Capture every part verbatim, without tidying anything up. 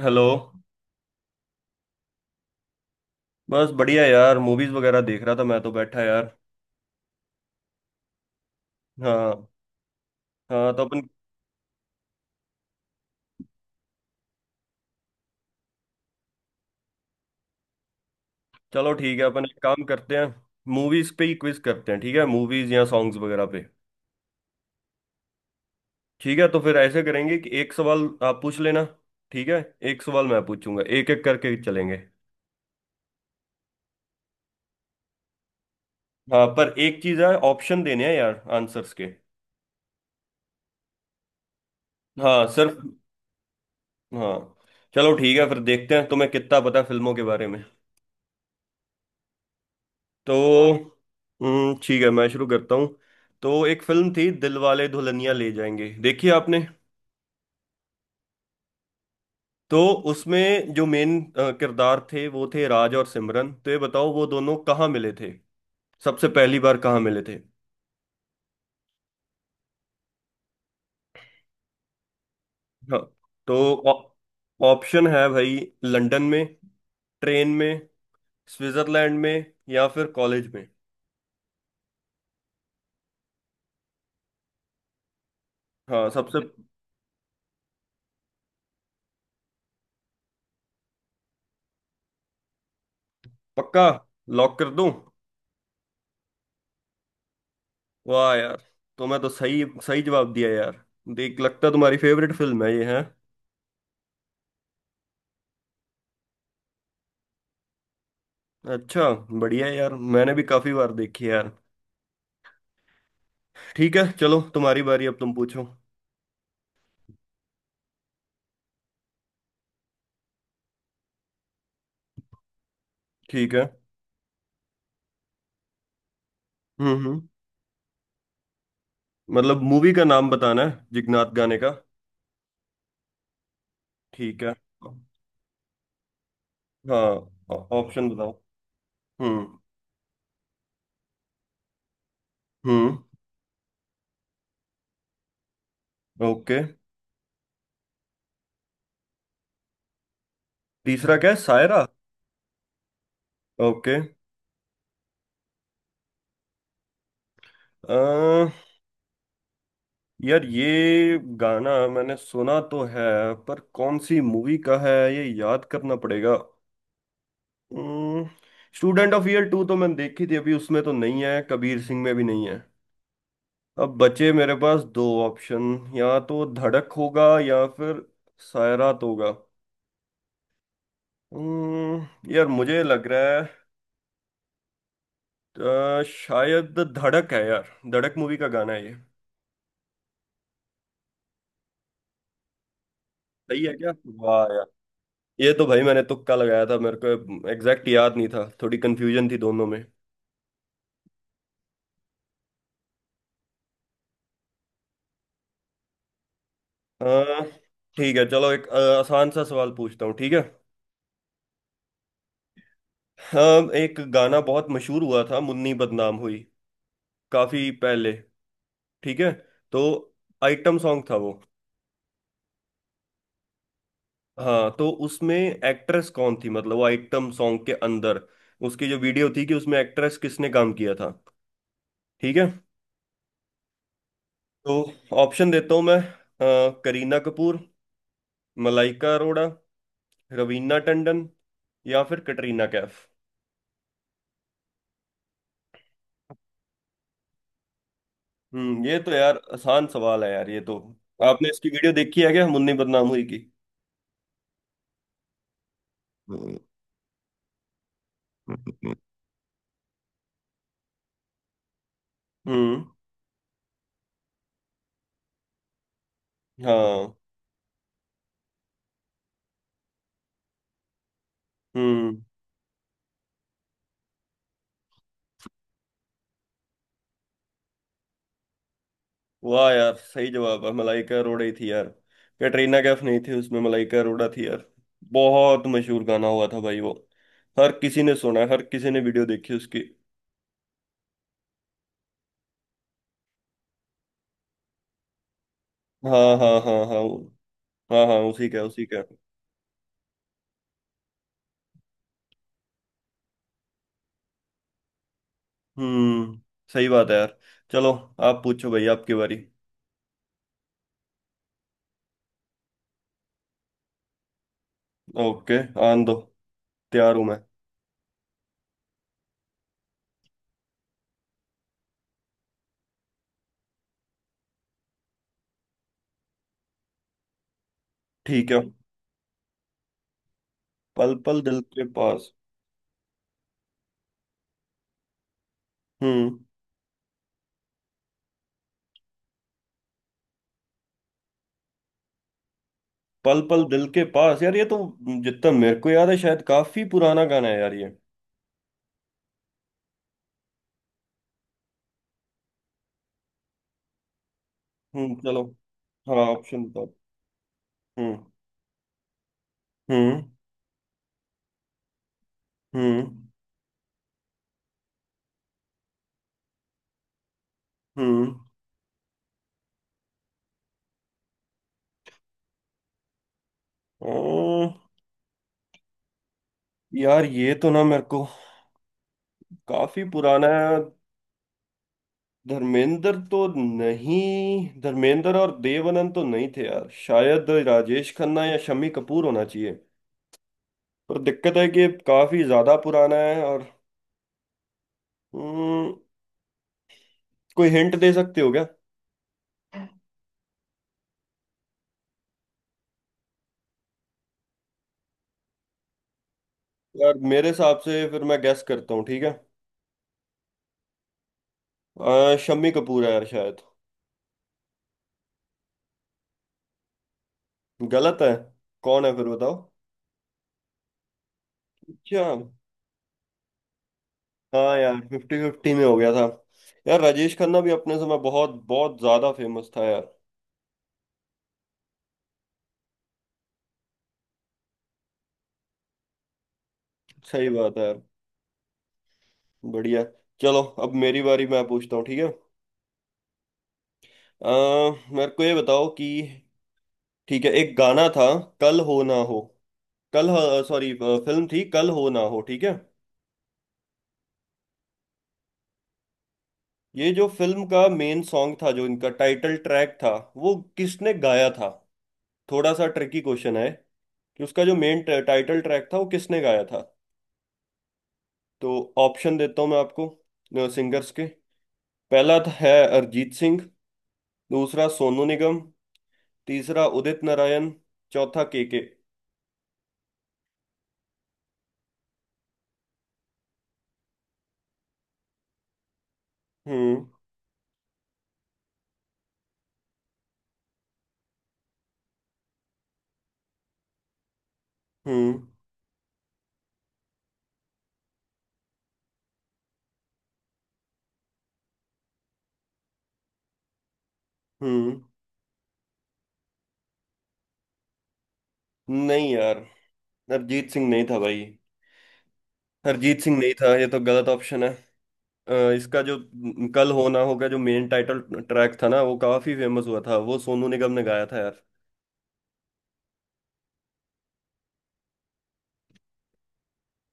Hello. बस बढ़िया यार, मूवीज वगैरह देख रहा था मैं तो बैठा यार। हाँ। हाँ तो अपन, चलो ठीक है, अपन एक काम करते हैं, मूवीज पे ही क्विज करते हैं। ठीक है, मूवीज या सॉन्ग्स वगैरह पे। ठीक है, तो फिर ऐसे करेंगे कि एक सवाल आप पूछ लेना। ठीक है, एक सवाल मैं पूछूंगा, एक एक करके चलेंगे। हाँ, पर एक चीज है, ऑप्शन देने हैं यार आंसर्स के। हाँ, सिर्फ। हाँ। चलो ठीक है, फिर देखते हैं तुम्हें कितना पता है फिल्मों के बारे में। तो हम्म, ठीक है, मैं शुरू करता हूँ। तो एक फिल्म थी दिलवाले दुल्हनिया ले जाएंगे, देखी आपने? तो उसमें जो मेन किरदार थे वो थे राज और सिमरन, तो ये बताओ वो दोनों कहाँ मिले थे? सबसे पहली बार कहाँ मिले थे? हाँ। तो ऑ- ऑप्शन है भाई, लंदन में, ट्रेन में, स्विट्जरलैंड में या फिर कॉलेज में। हाँ, सबसे। पक्का? लॉक कर दूं? वाह यार, तो मैं तो सही सही जवाब दिया यार। देख, लगता है तुम्हारी फेवरेट फिल्म है ये है। अच्छा। बढ़िया है यार, मैंने भी काफी बार देखी है यार। ठीक है, चलो तुम्हारी बारी, अब तुम पूछो। ठीक है। हम्म हम्म। मतलब मूवी का नाम बताना है जिगनाथ गाने का? ठीक है हाँ। ऑप्शन बताओ। हम्म। हम्म। ओके। तीसरा क्या है, सायरा? ओके। अ यार ये गाना मैंने सुना तो है, पर कौन सी मूवी का है ये याद करना पड़ेगा। स्टूडेंट ऑफ ईयर टू तो मैंने देखी थी अभी, उसमें तो नहीं है, कबीर सिंह में भी नहीं है। अब बचे मेरे पास दो ऑप्शन, या तो धड़क होगा या फिर सायरात होगा। हम्म यार मुझे लग रहा है अ, शायद धड़क है यार, धड़क मूवी का गाना है ये। सही है क्या? वाह यार। ये तो भाई मैंने तुक्का लगाया था, मेरे को एग्जैक्ट याद नहीं था, थोड़ी कंफ्यूजन थी दोनों में। अ, ठीक है चलो, एक अ, आसान सा सवाल पूछता हूँ। ठीक है हाँ, एक गाना बहुत मशहूर हुआ था, मुन्नी बदनाम हुई, काफी पहले, ठीक है? तो आइटम सॉन्ग था वो। हाँ, तो उसमें एक्ट्रेस कौन थी, मतलब वो आइटम सॉन्ग के अंदर उसकी जो वीडियो थी, कि उसमें एक्ट्रेस किसने काम किया था? ठीक है, तो ऑप्शन देता हूँ मैं, अ, करीना कपूर, मलाइका अरोड़ा, रवीना टंडन या फिर कटरीना कैफ। हम्म ये तो यार आसान सवाल है यार ये तो। आपने इसकी वीडियो देखी है क्या, मुन्नी बदनाम हुई की? हम्म। हम्म। हाँ। हम्म। वाह यार, सही जवाब है, मलाइका अरोड़ा ही थी यार। कैटरीना कैफ नहीं थी, उसमें मलाइका अरोड़ा थी यार। बहुत मशहूर गाना हुआ था भाई वो, हर किसी ने सुना है, हर किसी ने वीडियो देखी उसकी। हाँ हाँ हाँ हाँ, वो- हाँ हाँ, उसी का उसी का। हम्म सही बात है यार। चलो, आप पूछो भाई, आपकी बारी। ओके, आन दो, तैयार हूं मैं। ठीक है। पल पल दिल के पास। हम्म। पल पल दिल के पास, यार ये तो, जितना मेरे को याद है, शायद काफी पुराना गाना है यार ये। हम्म चलो। हाँ ऑप्शन बताओ। हम्म। हम्म। हम्म। हम्म। ओ, यार ये तो ना मेरे को, काफी पुराना है। धर्मेंद्र तो नहीं, धर्मेंद्र और देव तो नहीं थे यार, शायद राजेश खन्ना या शम्मी कपूर होना चाहिए। पर दिक्कत है कि ये काफी ज्यादा पुराना है और, हम्म, कोई हिंट दे सकते हो क्या? यार मेरे हिसाब से फिर मैं गेस करता हूँ, ठीक है? अ, शम्मी कपूर है यार शायद। गलत है? कौन है फिर, बताओ। अच्छा। हाँ यार, फिफ्टी फिफ्टी में हो गया था। यार राजेश खन्ना भी अपने समय बहुत बहुत ज्यादा फेमस था यार। सही बात है यार, बढ़िया। चलो, अब मेरी बारी, मैं पूछता हूँ ठीक है? अ, मेरे को ये बताओ कि, ठीक है, एक गाना था कल हो ना हो, कल, सॉरी फिल्म थी कल हो ना हो, ठीक है? ये जो फिल्म का मेन सॉन्ग था, जो इनका टाइटल ट्रैक था, वो किसने गाया था? थोड़ा सा ट्रिकी क्वेश्चन है कि उसका जो मेन टाइटल ट्रैक था, वो किसने गाया था? तो ऑप्शन देता हूँ मैं आपको, सिंगर्स के। पहला था- है, अरिजीत सिंह, दूसरा सोनू निगम, तीसरा उदित नारायण, चौथा के के। हम्म। हम्म। हम्म। नहीं यार, अरिजीत सिंह नहीं था भाई। अरिजीत सिंह नहीं था, ये तो गलत ऑप्शन है। अ, इसका जो न- कल होना होगा जो मेन टाइटल ट्रैक था ना, वो काफी फेमस हुआ था, वो सोनू निगम ने गाया था यार।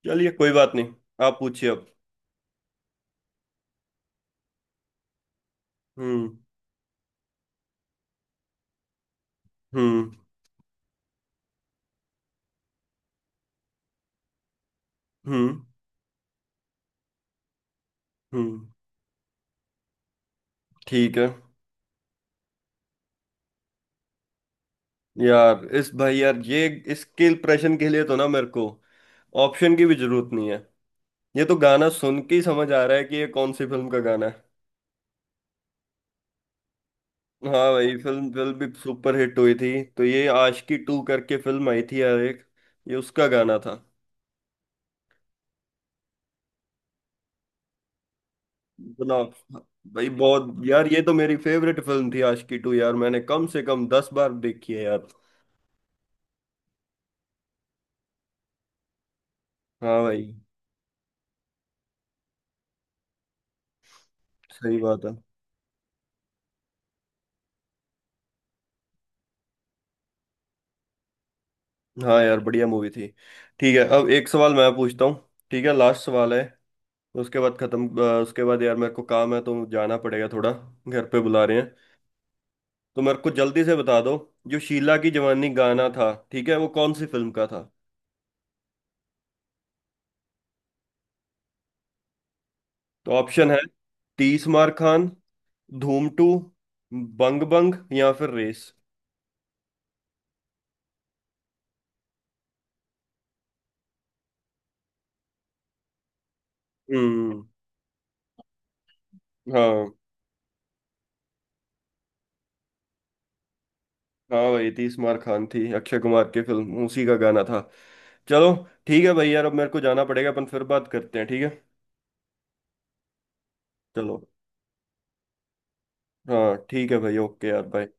चलिए कोई बात नहीं, आप पूछिए अब। हम्म। हम्म। हम्म। हम्म। ठीक है। यार इस भाई यार ये, इसके इम्प्रेशन के लिए तो ना मेरे को ऑप्शन की भी जरूरत नहीं है, ये तो गाना सुन के ही समझ आ रहा है कि ये कौन सी फिल्म का गाना है। हाँ भाई, फिल्म फिल्म भी सुपर हिट हुई थी, तो ये आशिकी टू करके फिल्म आई थी यार एक, ये उसका गाना था। इतना, भाई बहुत यार, ये तो मेरी फेवरेट फिल्म थी आशिकी टू यार, मैंने कम से कम दस बार देखी है यार। हाँ भाई। सही बात है। हाँ यार बढ़िया मूवी थी। ठीक है, अब एक सवाल मैं पूछता हूँ, ठीक है, लास्ट सवाल है, उसके बाद खत्म। अ, उसके बाद यार मेरे को काम है तो जाना पड़ेगा थोड़ा, घर पे बुला रहे हैं। तो मेरे को जल्दी से बता दो, जो शीला की जवानी गाना था, ठीक है, वो कौन सी फिल्म का था? तो ऑप्शन है, तीस मार खान, धूम टू, बंग बंग या फिर रेस। हम्म। हाँ। हाँ भाई, तीस मार खान थी, अक्षय कुमार की फिल्म, उसी का गाना था। चलो, ठीक है भाई, यार अब मेरे को जाना पड़ेगा, अपन फिर बात करते हैं ठीक है? चलो। हाँ ठीक है भाई, ओके यार, बाय।